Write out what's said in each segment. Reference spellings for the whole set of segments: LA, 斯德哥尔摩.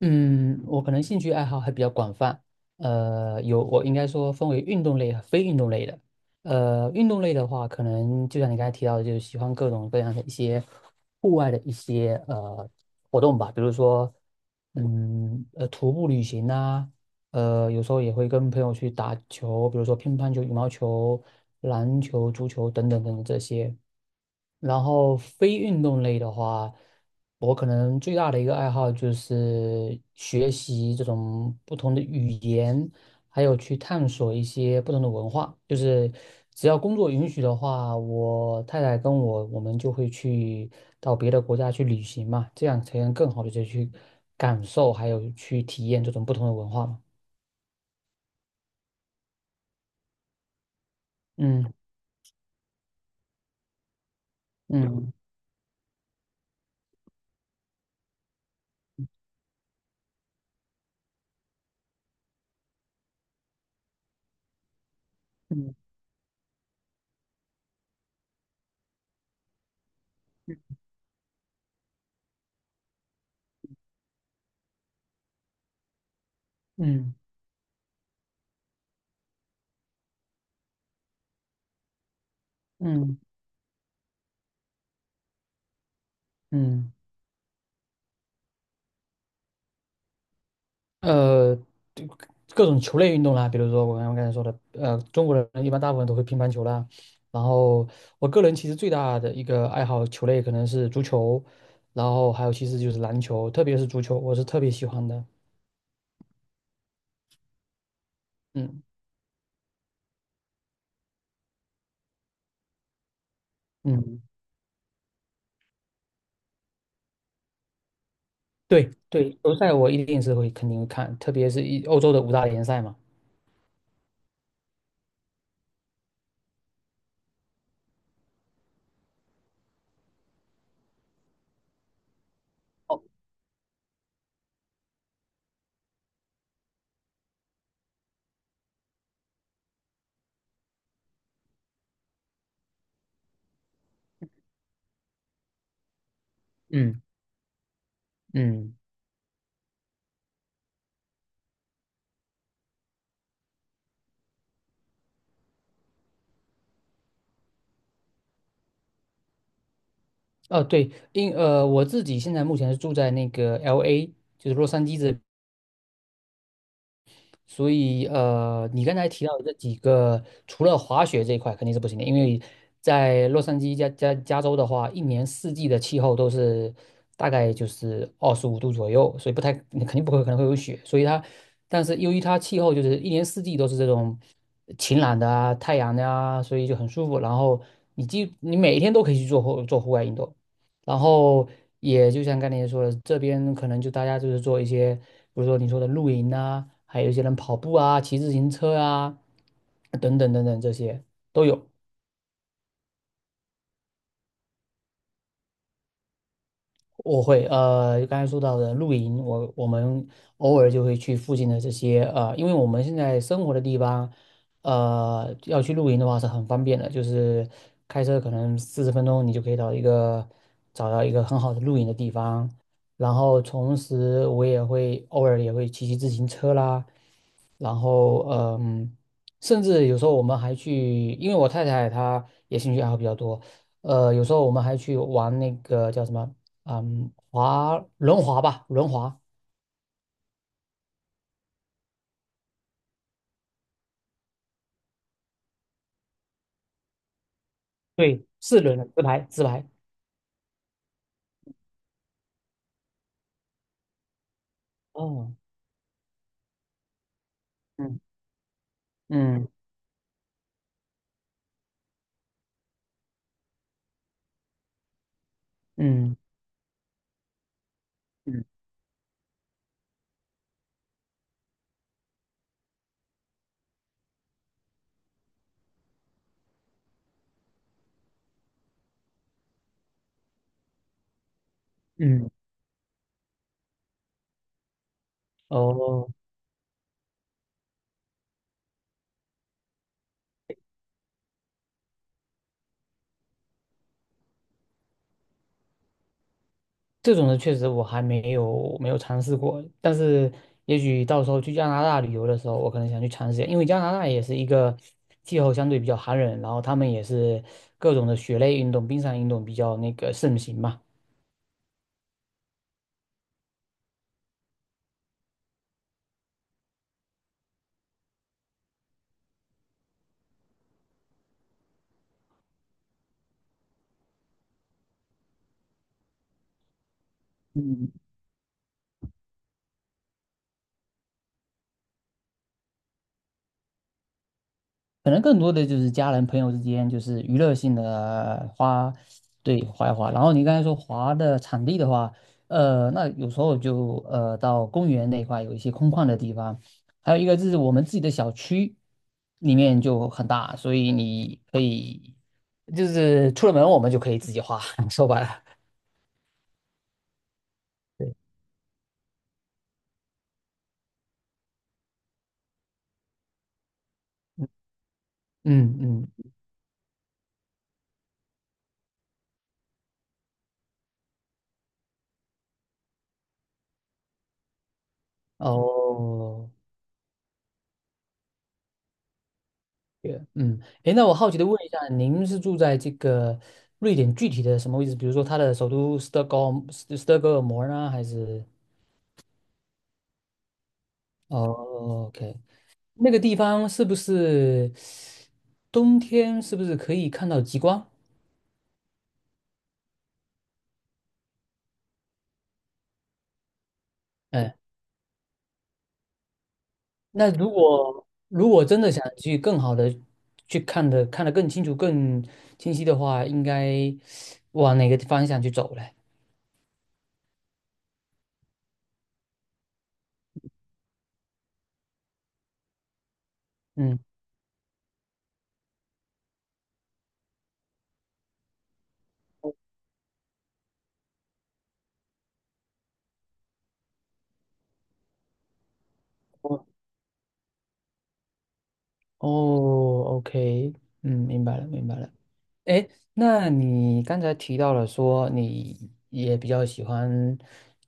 嗯，我可能兴趣爱好还比较广泛，我应该说分为运动类和非运动类的。运动类的话，可能就像你刚才提到的，就是喜欢各种各样的一些户外的一些活动吧。比如说，徒步旅行呐。有时候也会跟朋友去打球，比如说乒乓球、羽毛球、篮球、足球等等等等这些。然后非运动类的话，我可能最大的一个爱好就是学习这种不同的语言，还有去探索一些不同的文化。就是只要工作允许的话，我太太跟我，我们就会去到别的国家去旅行嘛，这样才能更好的去感受还有去体验这种不同的文化嘛。嗯嗯嗯嗯嗯嗯。呃，就各种球类运动啦，比如说我刚才说的。中国人一般大部分都会乒乓球啦。然后我个人其实最大的一个爱好球类可能是足球，然后还有其实就是篮球，特别是足球，我是特别喜欢的。嗯嗯，对对，球赛我一定是会肯定会看，特别是欧洲的五大联赛嘛。哦，嗯嗯。哦，对，我自己现在目前是住在那个 LA，就是洛杉矶这。所以你刚才提到的这几个，除了滑雪这一块肯定是不行的，因为在洛杉矶加州的话，一年四季的气候都是大概就是25度左右，所以不太肯定不会可能会有雪，所以它，但是由于它气候就是一年四季都是这种晴朗的啊、太阳的啊，所以就很舒服。然后你每一天都可以去做户外运动。然后也就像刚才说的，这边可能就大家就是做一些，比如说你说的露营啊，还有一些人跑步啊、骑自行车啊，等等等等这些都有。我会，刚才说到的露营，我们偶尔就会去附近的这些，因为我们现在生活的地方，要去露营的话是很方便的，就是开车可能40分钟你就可以到一个找到一个很好的露营的地方。然后同时我偶尔也会骑自行车啦。然后甚至有时候我们还去，因为我太太她也兴趣爱好比较多。有时候我们还去玩那个叫什么，滑轮滑吧，轮滑，对，四轮的直排直排。哦，嗯嗯嗯嗯嗯，哦，这种的确实我还没有尝试过，但是也许到时候去加拿大旅游的时候，我可能想去尝试一下，因为加拿大也是一个气候相对比较寒冷，然后他们也是各种的雪类运动、冰上运动比较那个盛行嘛。嗯。可能更多的就是家人朋友之间，就是娱乐性的，对，滑一滑。然后你刚才说滑的场地的话，那有时候就到公园那一块有一些空旷的地方，还有一个就是我们自己的小区里面就很大，所以你可以就是出了门我们就可以自己滑，说白了，对。嗯嗯，嗯。哦。对，嗯，诶，那我好奇的问一下，您是住在这个瑞典具体的什么位置？比如说它的首都斯德哥尔摩呢，还是？哦，OK，那个地方冬天是不是可以看到极光？哎，那如果真的想去更好的去看得更清楚、更清晰的话，应该往哪个方向去走嘞？嗯，哦哦，OK，嗯，明白了，明白了。哎，那你刚才提到了说你也比较喜欢，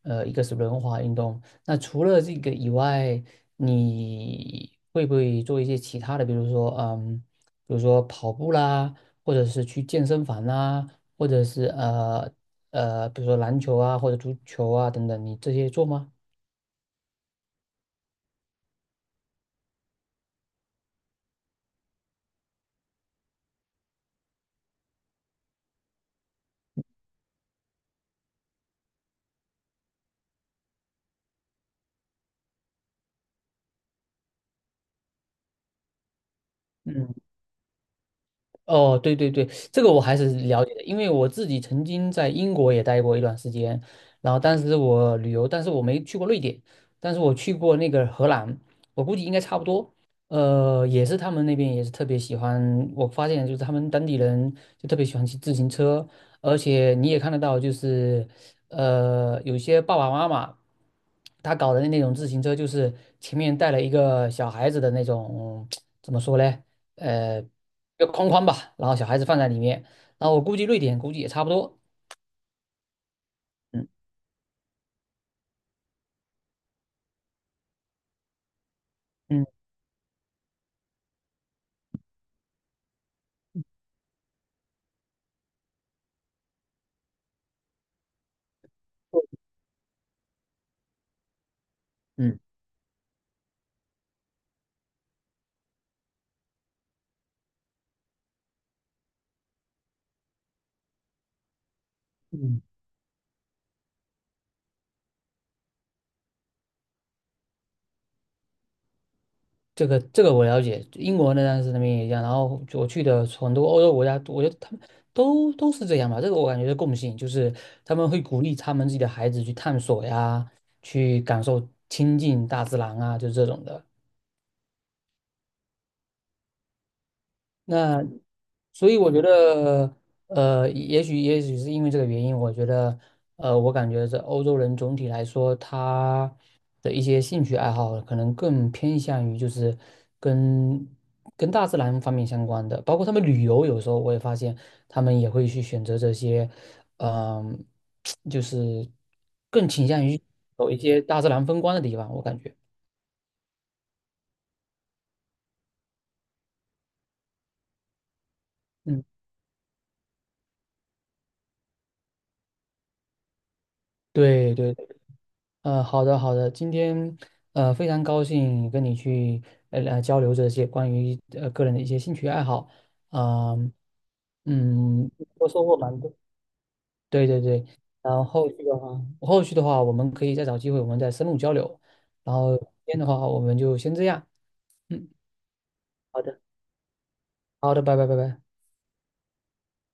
一个是轮滑运动。那除了这个以外，你会不会做一些其他的，比如说，比如说跑步啦，或者是去健身房啦，或者是比如说篮球啊或者足球啊等等，你这些做吗？嗯。哦，对对对，这个我还是了解的，因为我自己曾经在英国也待过一段时间，然后当时我旅游，但是我没去过瑞典，但是我去过那个荷兰，我估计应该差不多。也是他们那边也是特别喜欢，我发现就是他们当地人就特别喜欢骑自行车，而且你也看得到，就是有些爸爸妈妈他搞的那种自行车，就是前面带了一个小孩子的那种，怎么说嘞？呃。一个框框吧，然后小孩子放在里面，然后我估计瑞典估计也差不多。嗯嗯嗯嗯，这个我了解，英国那当时那边也一样，然后我去的很多欧洲国家，我觉得他们都是这样吧，这个我感觉是共性，就是他们会鼓励他们自己的孩子去探索呀，去感受亲近大自然啊，就是这种的。那所以我觉得，也许是因为这个原因，我觉得，我感觉这欧洲人总体来说，他的一些兴趣爱好可能更偏向于就是跟跟大自然方面相关的，包括他们旅游，有时候我也发现他们也会去选择这些，嗯、就是更倾向于走一些大自然风光的地方，我感觉，嗯，对对。好的，好的，今天非常高兴跟你去交流这些关于个人的一些兴趣爱好啊。嗯，我收获蛮多，对对对，然后后续的话我们可以再找机会我们再深入交流，然后今天的话我们就先这样，嗯，好的，好的，拜拜拜拜。